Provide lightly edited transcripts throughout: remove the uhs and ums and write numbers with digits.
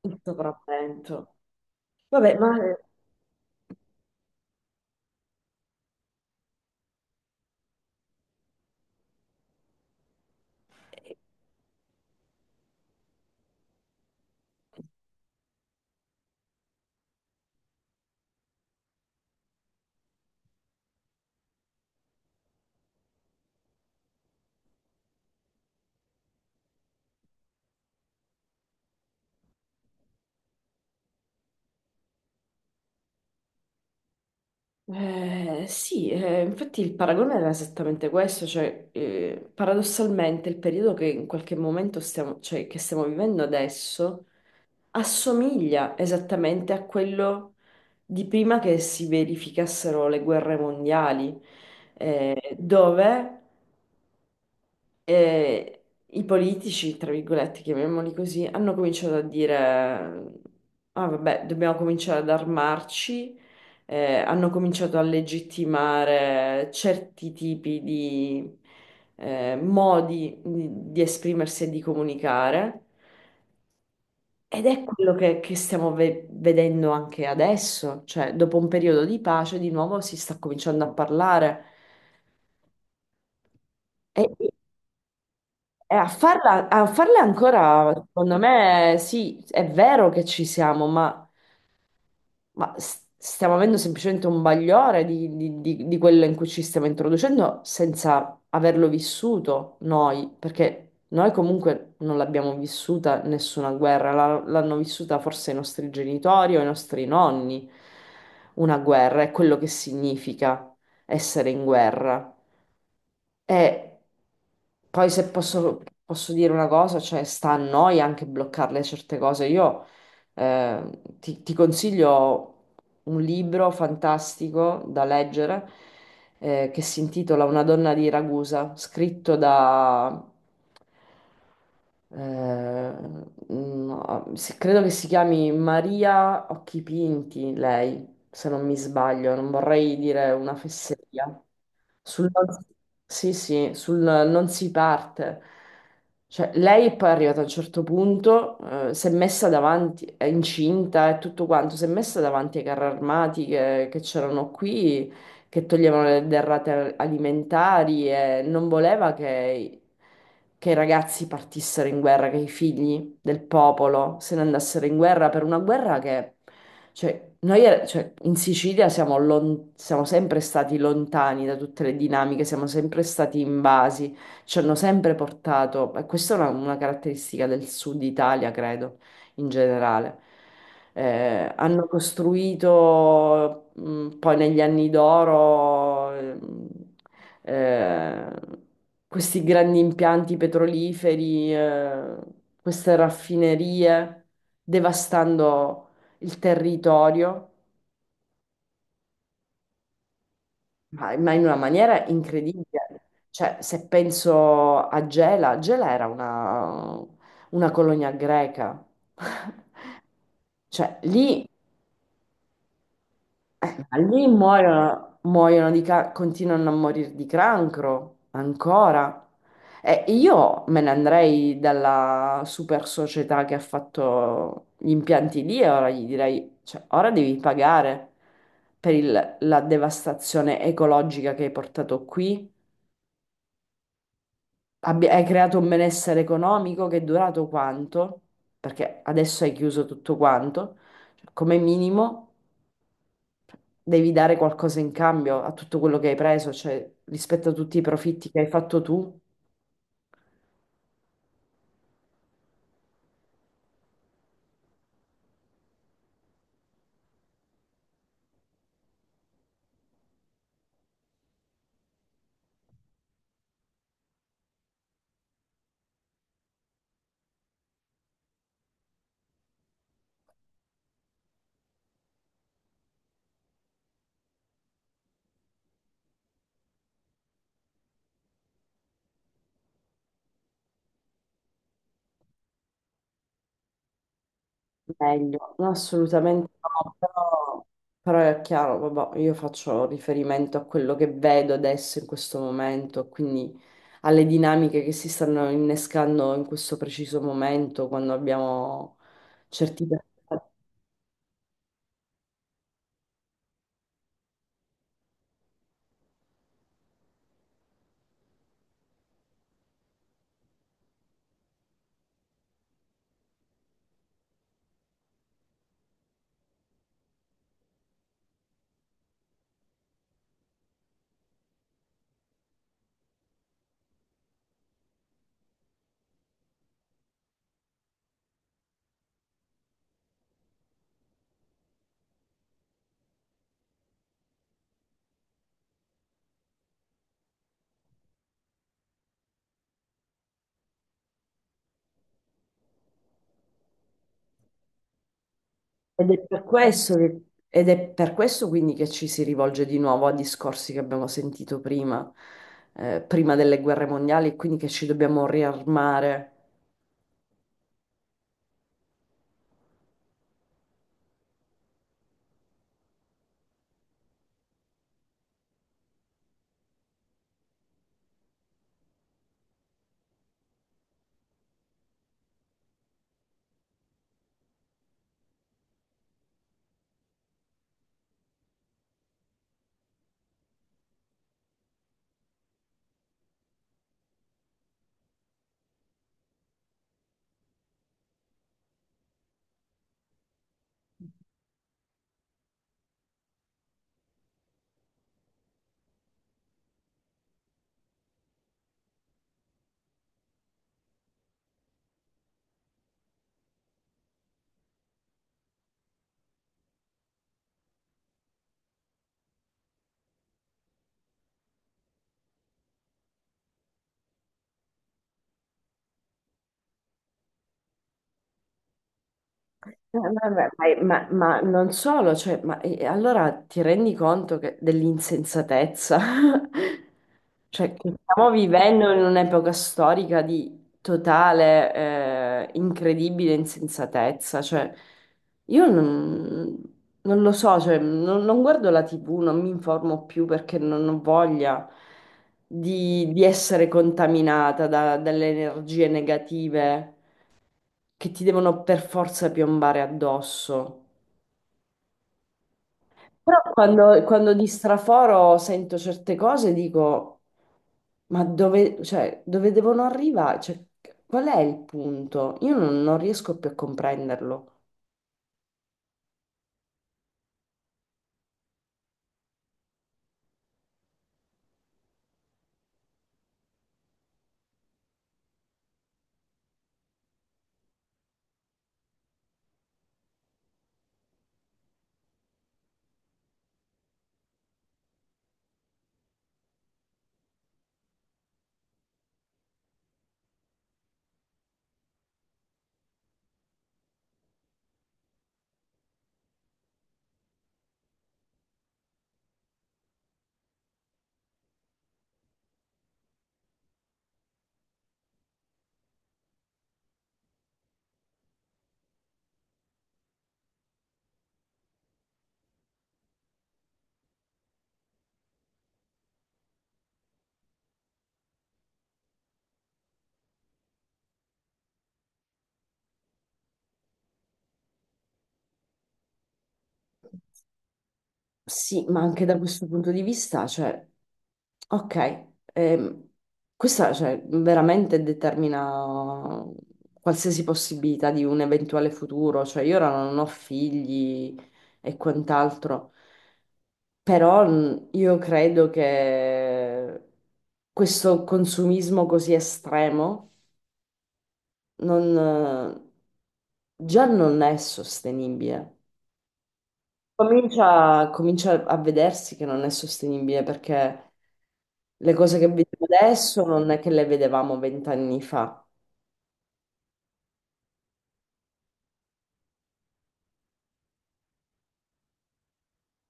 Il sopravvento. Vabbè, ma sì, infatti il paragone era esattamente questo, cioè paradossalmente il periodo che in qualche momento cioè, che stiamo vivendo adesso assomiglia esattamente a quello di prima che si verificassero le guerre mondiali. Eh, dove E i politici, tra virgolette, chiamiamoli così, hanno cominciato a dire, ah vabbè, dobbiamo cominciare ad armarci, hanno cominciato a legittimare certi tipi di modi di esprimersi e di comunicare. Ed è quello che stiamo vedendo anche adesso, cioè dopo un periodo di pace, di nuovo si sta cominciando a parlare. E E a farla, a farle ancora, secondo me, sì, è vero che ci siamo, ma stiamo avendo semplicemente un bagliore di quello in cui ci stiamo introducendo senza averlo vissuto noi, perché noi comunque non l'abbiamo vissuta nessuna guerra, l'hanno vissuta forse i nostri genitori o i nostri nonni, una guerra, è quello che significa essere in guerra. E poi se posso dire una cosa, cioè sta a noi anche bloccarle certe cose. Io ti consiglio un libro fantastico da leggere che si intitola Una donna di Ragusa, scritto da, eh, credo che si chiami Maria Occhipinti, lei, se non mi sbaglio, non vorrei dire una fesseria. Sul non, Sì, sì, sul non si parte. Cioè, lei è poi arrivata a un certo punto, si è messa davanti, è incinta e tutto quanto, si è messa davanti ai carri armati che c'erano qui, che toglievano le derrate alimentari e non voleva che i ragazzi partissero in guerra, che i figli del popolo se ne andassero in guerra per una guerra che cioè, noi cioè, in Sicilia siamo sempre stati lontani da tutte le dinamiche, siamo sempre stati invasi, ci hanno sempre portato, e questa è una caratteristica del sud Italia, credo, in generale. Hanno costruito poi negli anni d'oro eh, questi grandi impianti petroliferi, queste raffinerie, devastando il territorio, ma in una maniera incredibile. Cioè, se penso a Gela, Gela era una colonia greca. Cioè, lì ma lì muoiono, muoiono continuano a morire di cancro ancora. E io me ne andrei dalla super società che ha fatto gli impianti lì e ora gli direi, cioè, ora devi pagare per la devastazione ecologica che hai portato qui. Hai creato un benessere economico che è durato quanto? Perché adesso hai chiuso tutto quanto. Cioè, come minimo. Devi dare qualcosa in cambio a tutto quello che hai preso, cioè rispetto a tutti i profitti che hai fatto tu. Meglio. No, assolutamente no, però, è chiaro, vabbè, io faccio riferimento a quello che vedo adesso in questo momento, quindi alle dinamiche che si stanno innescando in questo preciso momento quando abbiamo certi... Ed è per questo che- ed è per questo quindi che ci si rivolge di nuovo a discorsi che abbiamo sentito prima, prima delle guerre mondiali, e quindi che ci dobbiamo riarmare. No, vabbè, ma non solo, cioè, ma, allora ti rendi conto dell'insensatezza? Cioè, che stiamo vivendo in un'epoca storica di totale, incredibile insensatezza. Cioè, io non, non, lo so, cioè, non guardo la TV, non mi informo più perché non ho voglia di essere contaminata dalle energie negative che ti devono per forza piombare addosso. Però quando di straforo sento certe cose dico, ma dove, cioè, dove devono arrivare? Cioè, qual è il punto? Io non riesco più a comprenderlo. Sì, ma anche da questo punto di vista, cioè, ok, ehm, questa, cioè, veramente determina qualsiasi possibilità di un eventuale futuro, cioè io ora non ho figli e quant'altro, però io credo che questo consumismo così estremo non, già non è sostenibile. Comincia, comincia a vedersi che non è sostenibile perché le cose che vediamo adesso non è che le vedevamo 20 anni fa.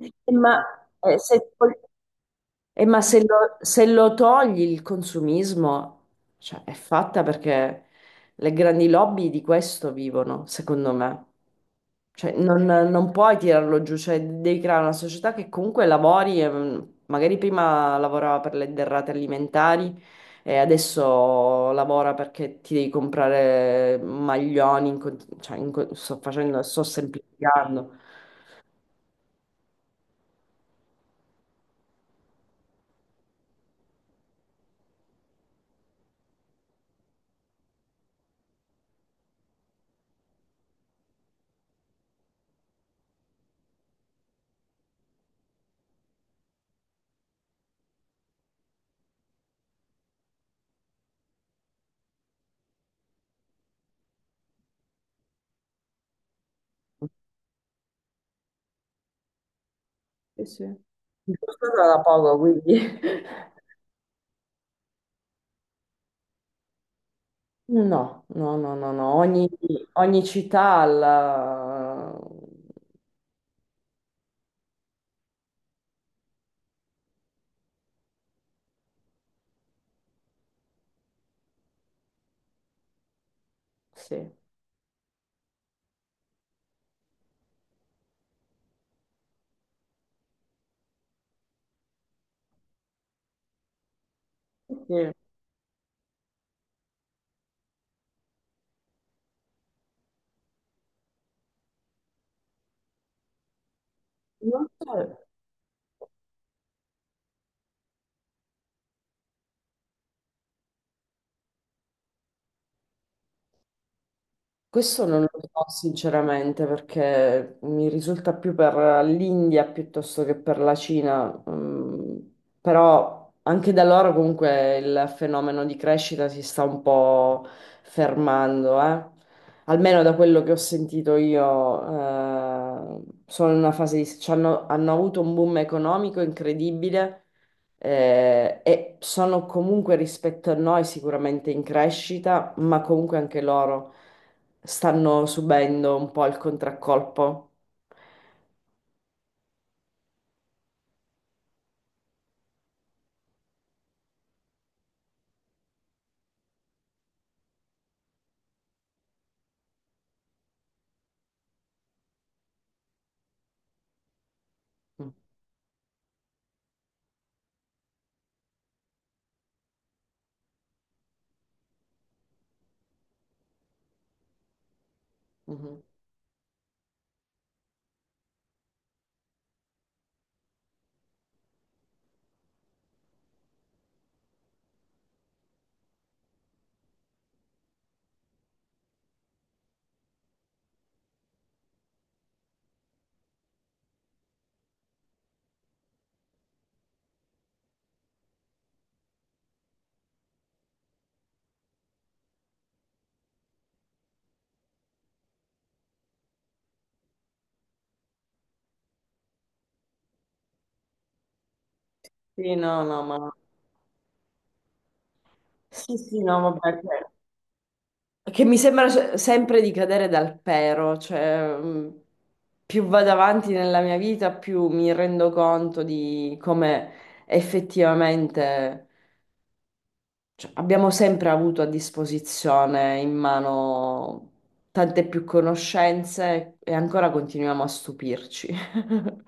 Eh, Ma, eh, se, ma se lo togli il consumismo, cioè, è fatta perché le grandi lobby di questo vivono, secondo me. Cioè, non puoi tirarlo giù, cioè devi creare una società che comunque lavori, magari prima lavorava per le derrate alimentari e adesso lavora perché ti devi comprare maglioni, cioè, sto facendo, sto semplificando. Sì, sì. Sono da poco, quindi. No, no, no, no, no. Ogni città ha la... Sì. Sì. Non so. Questo non lo so sinceramente perché mi risulta più per l'India piuttosto che per la Cina, mm, però anche da loro comunque il fenomeno di crescita si sta un po' fermando, eh. Almeno da quello che ho sentito io, sono in una fase di... hanno avuto un boom economico incredibile. E sono comunque rispetto a noi sicuramente in crescita, ma comunque anche loro stanno subendo un po' il contraccolpo. Mm, mhm. Sì, no, no, ma... Sì, sì, no, vabbè, che mi sembra sempre di cadere dal pero, cioè più vado avanti nella mia vita, più mi rendo conto di come effettivamente cioè, abbiamo sempre avuto a disposizione in mano tante più conoscenze e ancora continuiamo a stupirci.